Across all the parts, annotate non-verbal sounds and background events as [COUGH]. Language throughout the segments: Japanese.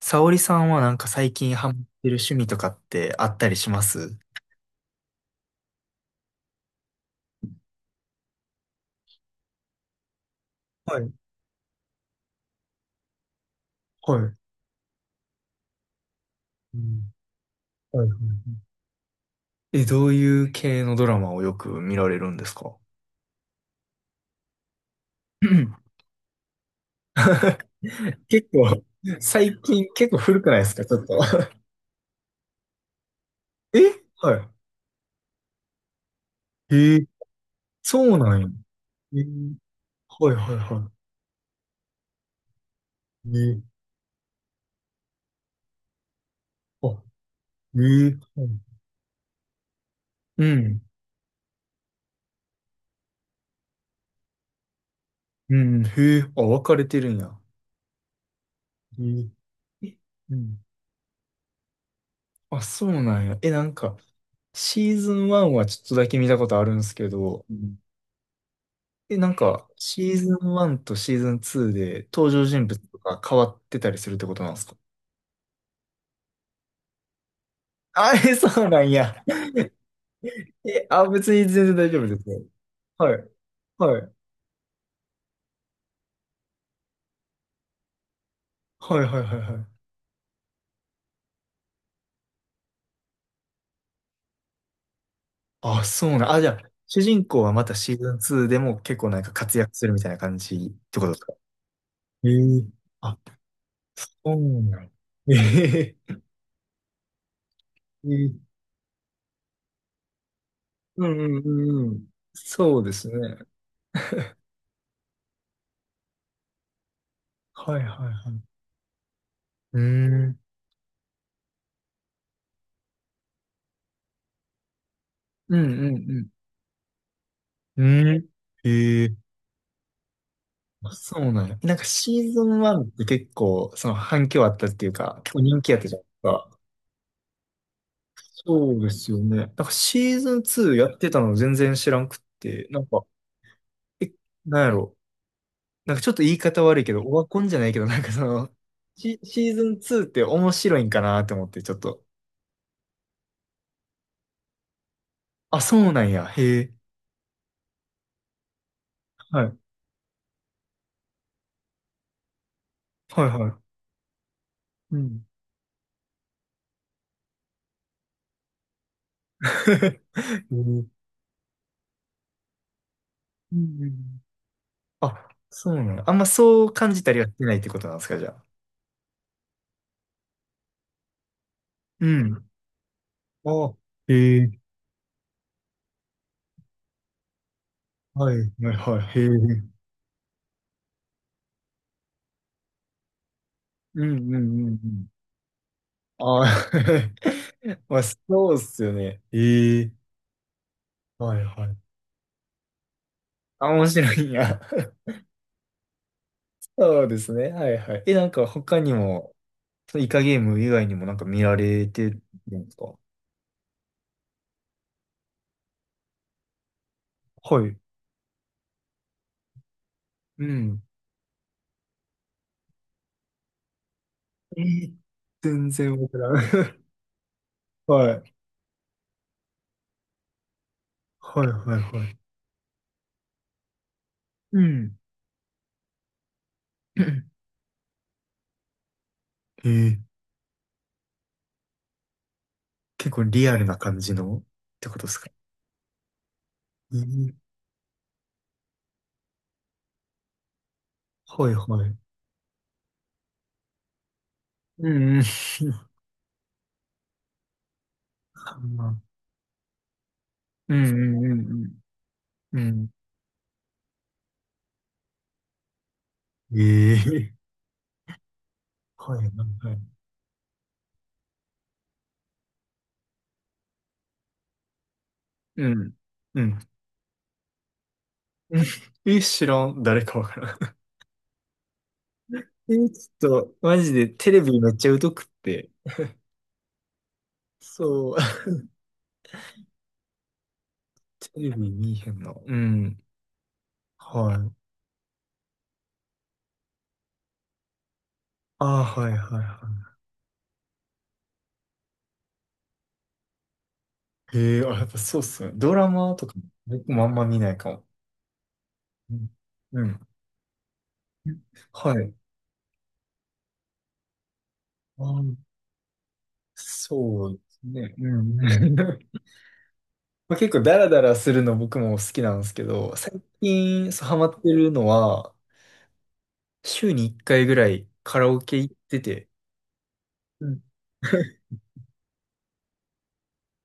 沙織さんはなんか最近ハマってる趣味とかってあったりします？はい、はい、はい。うん。はい。はいはい。え、どういう系のドラマをよく見られるんですか？うん。 [CLEARS THROAT] [LAUGHS] 結構、最近結構古くないですか、ちょっと。[LAUGHS] え、はい。えー、そうなんや。えー、はい、はい、はい。えー、あ、えー、はい、うん。うん。へえ、あ、分かれてるんや。えー、え、うん。あ、そうなんや。え、なんか、シーズン1はちょっとだけ見たことあるんですけど、うん。え、なんか、シーズン1とシーズン2で登場人物とか変わってたりするってことなんですか？あれ、そうなんや。え、あ、別に全然大丈夫ですね。はい。はい。はいはいはいはい。あ、そうなん。あ、じゃあ、主人公はまたシーズン2でも結構なんか活躍するみたいな感じってことですか？ええ、あ、そうなん。ええええ、うんうんうんうん。そうですね。はいはいはい。うーん。うんうんうん。うーん。ええ。そうなんや。なんかシーズン1って結構、その反響あったっていうか、結構人気やったじゃないですか。そうですよね。なんかシーズン2やってたの全然知らんくって、なんか、え、なんやろ。なんかちょっと言い方悪いけど、オワコンじゃないけど、なんかその、シーズン2って面白いんかなって思って、ちょっと。あ、そうなんや。へえ。はい。はいはい。うん。[LAUGHS] うんうんうん。あ、そうなの。あんまそう感じたりはしてないってことなんですか、じゃあ。うん。あ、へえ、はい、はい、はい、へえ。うん、うん、うん、うん。あー。 [LAUGHS] まあ、そうっすよね。ええ、はいはい。あ、面白いんや。[LAUGHS] そうですね。はいはい。え、なんか他にも、そのイカゲーム以外にもなんか見られてるんですか？はい。うん。えー、全然わからん。[LAUGHS] はい。はいはいはい。うん。[CLEARS THROAT] えー、結構リアルな感じのってことですか？うん。はいはい。うんうん。[LAUGHS] うんうんうんうん。うん。ええ、はいはいはい。うん。うん。え、知らん。誰かわからん。[LAUGHS] え、ちょっと、マジでテレビめっちゃ疎くって。そう。[LAUGHS] テレビ見えへんな。うん。はい。ああ、はいはいはい。へえ、あ、やっぱそうっすね。ドラマとかも僕もあんま見ないかも。うん。うん。はい。ああ。そうですね。うん。[LAUGHS] まあ、結構ダラダラするの僕も好きなんですけど、最近そうハマってるのは、週に1回ぐらいカラオケ行ってて、うん。 [LAUGHS]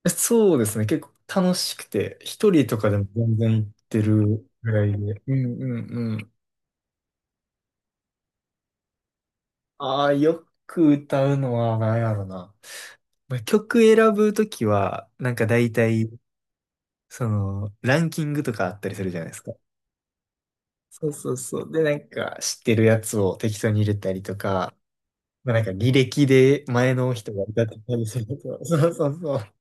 そうですね。結構楽しくて、一人とかでも全然行ってるぐらいで。うんうんうん。ああ、よく歌うのは何やろな。まあ曲選ぶときは、なんか大体、その、ランキングとかあったりするじゃないですか。そうそうそう。で、なんか、知ってるやつを適当に入れたりとか、まあ、なんか、履歴で前の人が歌ってたりすると、[LAUGHS] そうそうそう。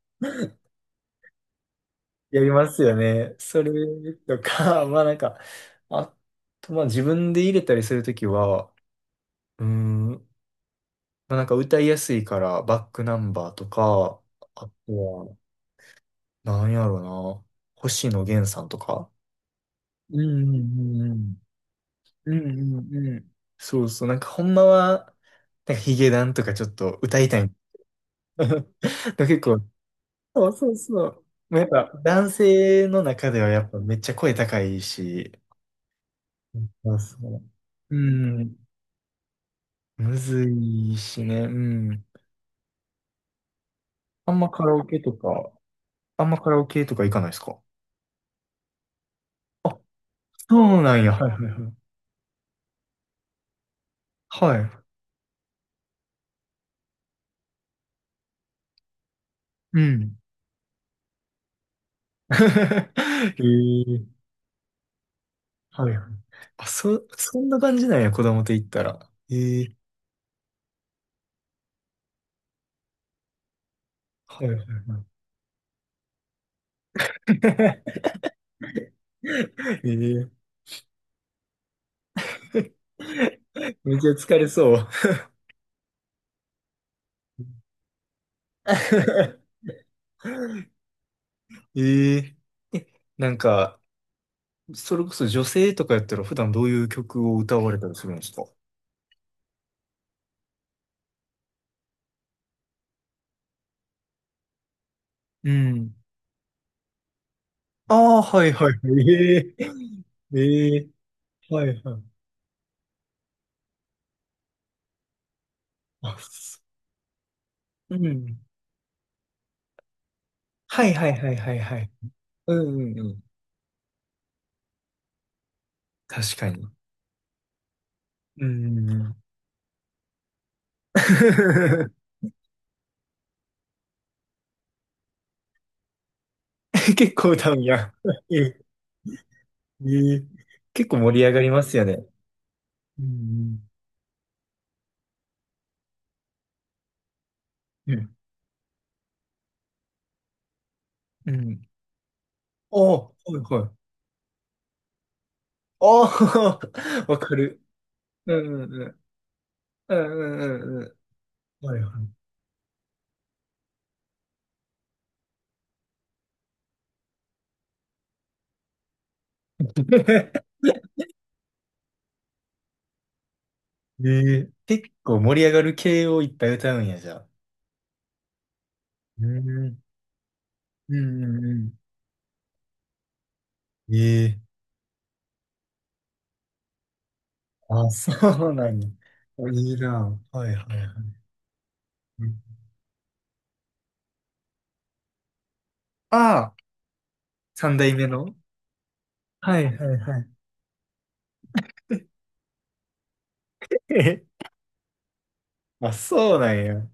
やりますよね、それとか。[LAUGHS] まあなんか、あと、まあ自分で入れたりするときは、うーん、まあなんか歌いやすいからバックナンバーとか、あとは、なんやろな、星野源さんとか。うんうんうんうん。うんうんうん。そうそう。なんかほんまは、なんかヒゲダンとかちょっと歌いたい。[LAUGHS] で結構、そうそうそう。まあやっぱ男性の中ではやっぱめっちゃ声高いし、そうそう。うん。むずいしね。うん。あんまカラオケとか、あんまカラオケとか行かないですか？あ、そうなんや。はいはいはい。はい。うん。[LAUGHS] へえ、はいはい。あ、そ、そんな感じなんや、子供と行ったら。へえ、はいはいはい。[LAUGHS] ええ、めっちゃ疲れそう。[LAUGHS] ええ、なんか、それこそ女性とかやったら普段どういう曲を歌われたりするんですか？うん。ああ、はいはいはい。[LAUGHS] ええええ、はいはい。あ、す、うん。はいはいはいはいはい。うんうんうん。確かに。うんうんうん。[LAUGHS] 結構歌うんや。[LAUGHS] ええええ、結構盛り上がりますよね。うんうん。うん。うん。ああ、はいはい。ああ、[LAUGHS] わかる。うんうんうん。うんうんうんうん。はいはい。[LAUGHS] えー、結構盛り上がる系をいっぱい歌うんや、じゃあ。うん、うんうんうん。ええ、あ、そうなんや。いいな。はいはいはい。ああ、三代目の、はいはいはい。[LAUGHS] え、あ、そうなんや。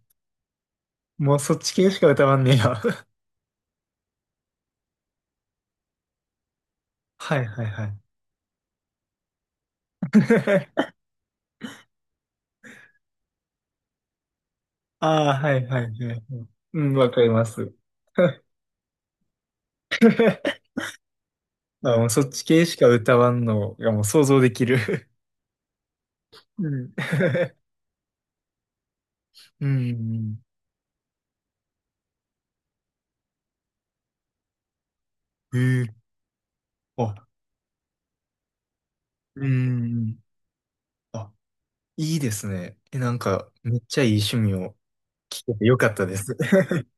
もうそっち系しか歌わんねや。[LAUGHS] はいはいはい。[LAUGHS] ああ、はいはいはいはい。うん、わかります。[LAUGHS] あ、もうそっち系しか歌わんのがもう想像できる。うん。[LAUGHS] うん。えー、あ、うん。あ、いいですね。え、なんか、めっちゃいい趣味を聞けてよかったです。[LAUGHS]